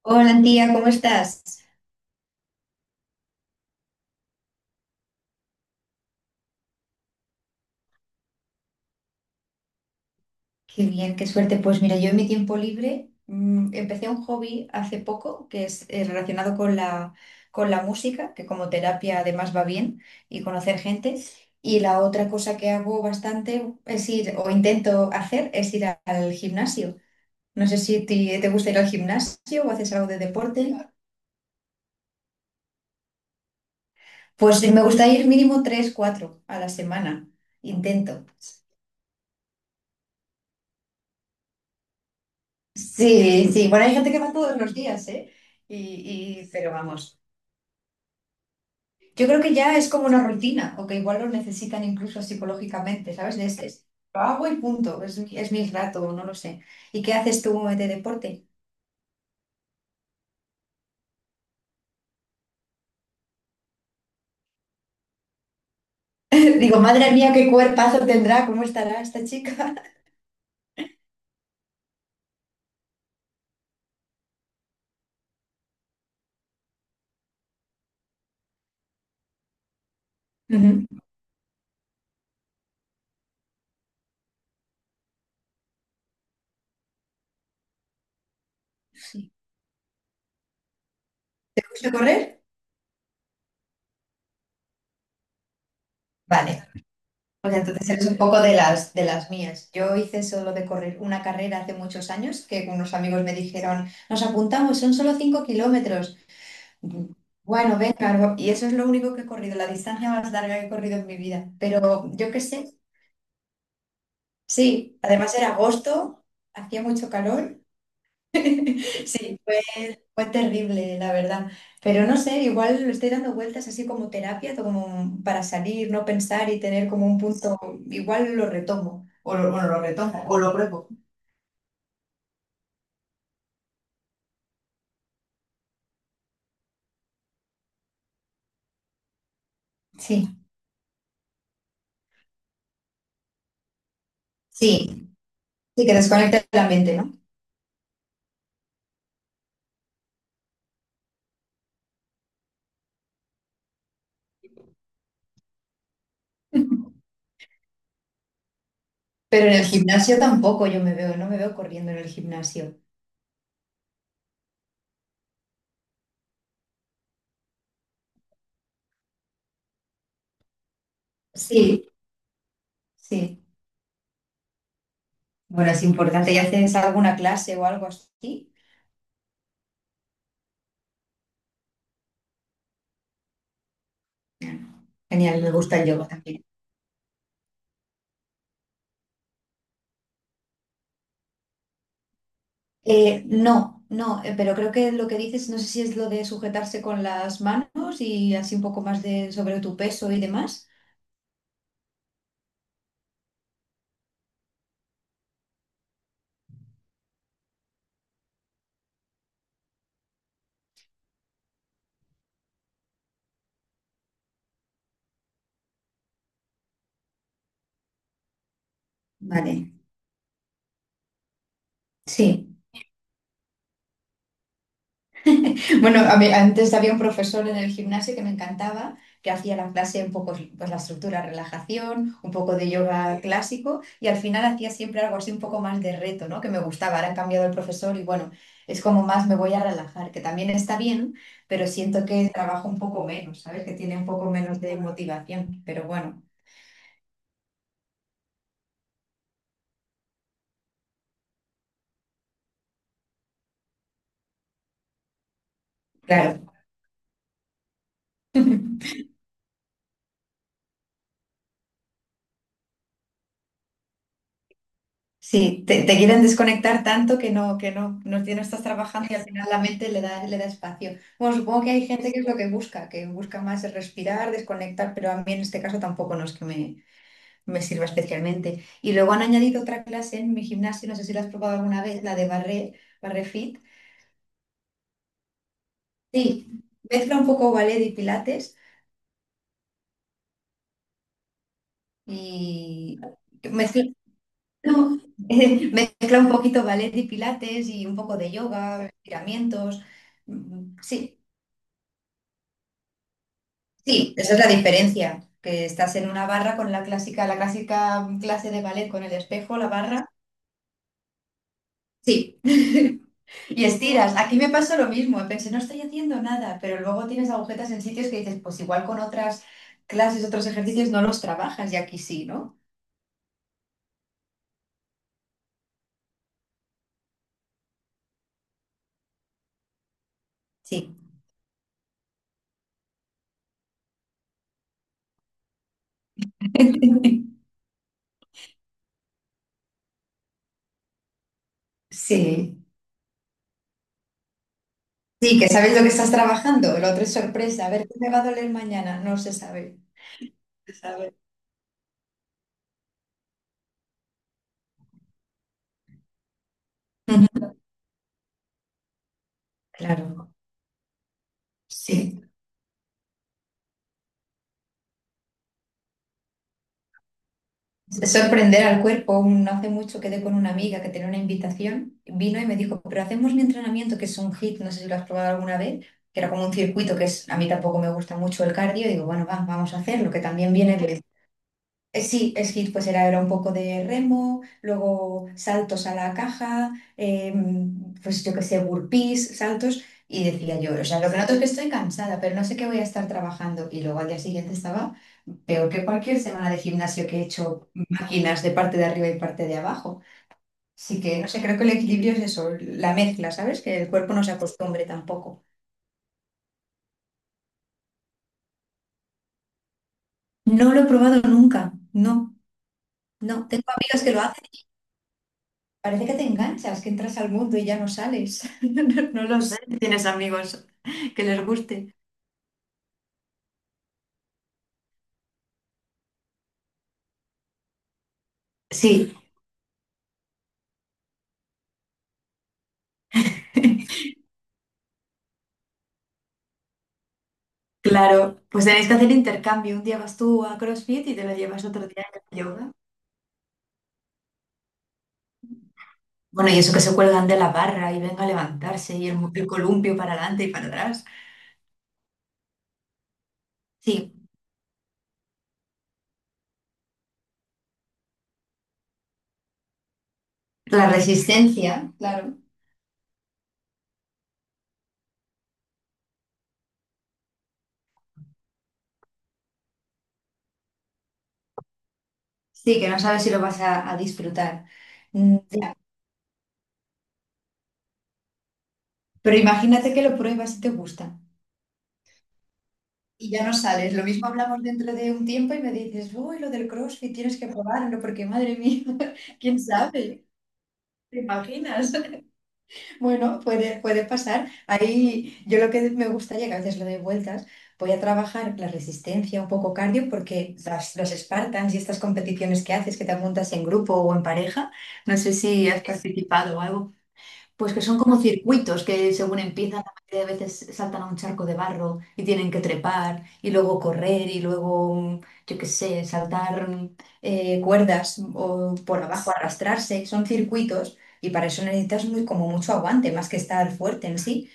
Hola, tía, ¿cómo estás? Qué bien, qué suerte. Pues mira, yo en mi tiempo libre empecé un hobby hace poco que es relacionado con la música, que como terapia además va bien, y conocer gente. Y la otra cosa que hago bastante es ir, o intento hacer, es ir al gimnasio. No sé si te gusta ir al gimnasio o haces algo de deporte. Pues me gusta ir mínimo tres, cuatro a la semana. Intento. Sí, sí, bueno, hay gente que va todos los días, ¿eh? Pero vamos, yo creo que ya es como una rutina, o que igual lo necesitan incluso psicológicamente, ¿sabes? De este, es, lo hago y punto, es, es mi rato, no lo sé. ¿Y qué haces tú de deporte? Digo, madre mía, qué cuerpazo tendrá, ¿cómo estará esta chica? Ujú, sí. ¿Te gusta correr? Vale, pues entonces eres un poco de las mías. Yo hice solo de correr una carrera hace muchos años, que unos amigos me dijeron, nos apuntamos, son solo 5 kilómetros. Bu- Bueno, venga, y eso es lo único que he corrido, la distancia más larga que he corrido en mi vida. Pero yo qué sé, sí, además era agosto, hacía mucho calor. Sí, fue terrible, la verdad. Pero no sé, igual lo estoy dando vueltas así como terapia, como para salir, no pensar y tener como un punto, igual lo retomo. O lo, bueno, lo retomo, o lo pruebo. Sí, sí, sí, que desconecta la mente, ¿no? Pero en el gimnasio tampoco yo me veo, no me veo corriendo en el gimnasio. Sí, sí. Bueno, es importante. ¿Y haces alguna clase o algo así? Bueno, genial, me gusta el yoga también. No, no, pero creo que lo que dices, no sé si es lo de sujetarse con las manos y así un poco más de sobre tu peso y demás. Vale, sí. Bueno, a mí, antes había un profesor en el gimnasio que me encantaba, que hacía la clase un poco, pues la estructura, relajación, un poco de yoga clásico y al final hacía siempre algo así un poco más de reto, ¿no? Que me gustaba. Ahora han cambiado el profesor y bueno, es como más me voy a relajar, que también está bien, pero siento que trabajo un poco menos, ¿sabes? Que tiene un poco menos de motivación, pero bueno, claro. Sí, te quieren desconectar tanto que no, no, que no estás trabajando y al final la mente le da espacio. Bueno, supongo que hay gente que es lo que busca más el respirar, desconectar, pero a mí en este caso tampoco no es que me sirva especialmente. Y luego han añadido otra clase en mi gimnasio, no sé si la has probado alguna vez, la de barre, barre fit. Sí, mezcla un poco ballet y pilates y mezcla, no, mezcla un poquito ballet y pilates y un poco de yoga, estiramientos. Mm, sí, sí, esa es la diferencia, que estás en una barra con la clásica clase de ballet con el espejo, la barra. Sí. Y estiras. Aquí me pasó lo mismo. Pensé, no estoy haciendo nada, pero luego tienes agujetas en sitios que dices, pues igual con otras clases, otros ejercicios no los trabajas y aquí sí, ¿no? Sí. Sí. Sí, que sabes lo que estás trabajando. Lo otro es sorpresa. A ver, ¿qué me va a doler mañana? No se sabe. Se sabe. Ujú. Claro. Sí. Es sorprender al cuerpo. No hace mucho quedé con una amiga que tenía una invitación, vino y me dijo, pero hacemos un entrenamiento que es un hit, no sé si lo has probado alguna vez, que era como un circuito que es, a mí tampoco me gusta mucho el cardio, y digo, bueno, va, vamos a hacerlo, que también viene, sí, skit pues era un poco de remo, luego saltos a la caja, pues yo qué sé, burpees, saltos, y decía yo, o sea, lo que noto es que estoy cansada, pero no sé qué voy a estar trabajando. Y luego al día siguiente estaba peor que cualquier semana de gimnasio que he hecho máquinas de parte de arriba y parte de abajo. Así que, no sé, creo que el equilibrio es eso, la mezcla, ¿sabes? Que el cuerpo no se acostumbre tampoco. No lo he probado nunca, no, no. Tengo amigas que lo hacen. Parece que te enganchas, que entras al mundo y ya no sales. No, no lo sé. ¿Tienes amigos que les guste? Sí, claro. Pues tenéis que hacer intercambio. Un día vas tú a CrossFit y te lo llevas otro día a yoga. Bueno, y eso que se cuelgan de la barra y venga a levantarse y el columpio para adelante y para atrás. Sí, la resistencia, claro. Sí, que no sabes si lo vas a disfrutar. Mm, ya. Pero imagínate que lo pruebas y te gusta. Y ya no sales. Lo mismo hablamos dentro de un tiempo y me dices, uy, lo del CrossFit tienes que probarlo, porque madre mía, quién sabe. ¿Te imaginas? Bueno, puede pasar. Ahí yo lo que me gustaría, que a veces lo doy vueltas, voy a trabajar la resistencia, un poco cardio, porque los Spartans y estas competiciones que haces, que te apuntas en grupo o en pareja, no sé si has participado o algo, pues que son como circuitos que según empiezan, la mayoría de veces saltan a un charco de barro y tienen que trepar y luego correr y luego, yo qué sé, saltar cuerdas o por abajo arrastrarse. Son circuitos y para eso necesitas como mucho aguante, más que estar fuerte en sí.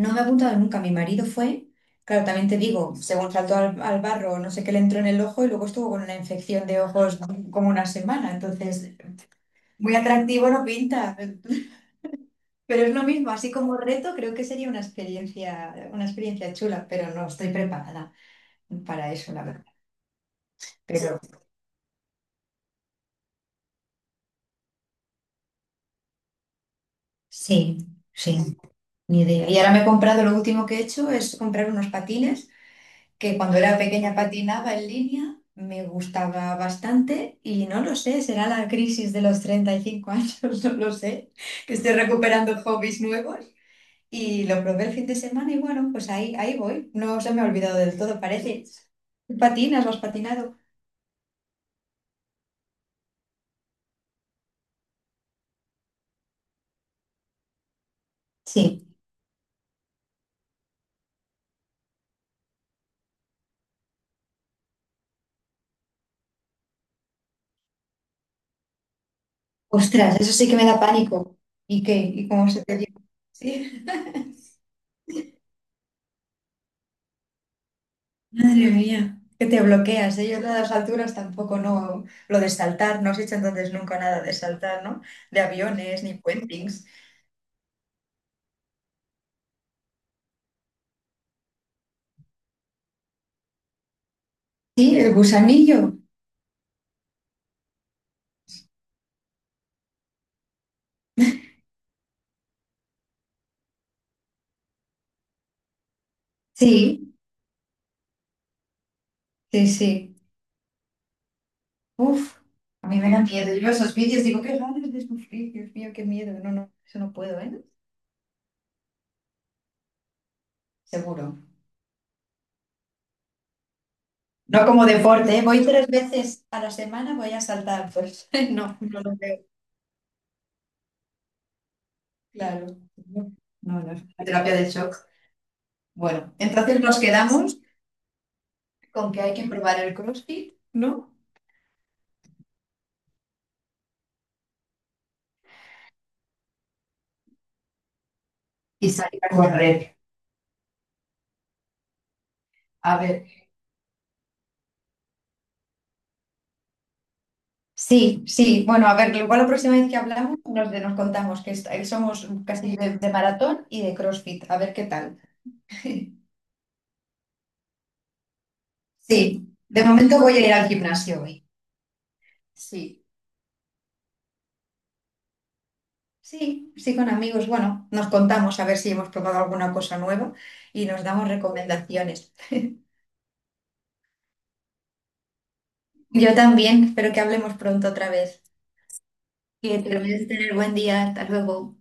No me he apuntado nunca, mi marido fue, claro, también te digo, según saltó al barro, no sé qué le entró en el ojo y luego estuvo con una infección de ojos como una semana. Entonces, muy atractivo no pinta. Pero es lo mismo, así como reto, creo que sería una experiencia chula, pero no estoy preparada para eso, la verdad. Pero sí, sí, ni idea. Y ahora me he comprado, lo último que he hecho es comprar unos patines, que cuando era pequeña patinaba en línea, me gustaba bastante y no lo sé, será la crisis de los 35 años, no lo sé, que estoy recuperando hobbies nuevos. Y lo probé el fin de semana y bueno, pues ahí voy. No se me ha olvidado del todo, parece. ¿Patinas? ¿Lo has patinado? Sí. Ostras, eso sí que me da pánico. ¿Y qué? ¿Y cómo se te dio? Sí. Madre mía, que te bloqueas. Ellos lo las alturas tampoco, no. Lo de saltar, no has hecho entonces nunca nada de saltar, ¿no? De aviones ni puentings. Sí, el gusanillo. Sí, sí, sí. Uf, a mí me da miedo. Yo esos vídeos digo, qué ganas de sufrir, Dios mío, qué miedo. No, no, eso no puedo, ¿eh? Seguro. No como deporte, ¿eh? Voy 3 veces a la semana, voy a saltar, pues no, no lo veo. Claro. No, no, no es una terapia de shock. Bueno, sí, entonces nos quedamos con que hay que probar el CrossFit, ¿no? Y salir a correr. A ver, sí, sí. Bueno, a ver, igual la próxima vez que hablamos nos contamos que somos casi de maratón y de CrossFit. A ver qué tal. Sí, de momento voy a ir al gimnasio hoy. Sí. Sí, sí, con amigos. Bueno, nos contamos a ver si hemos probado alguna cosa nueva y nos damos recomendaciones. Yo también, espero que hablemos pronto otra vez. Que te vez tener buen día. Hasta luego.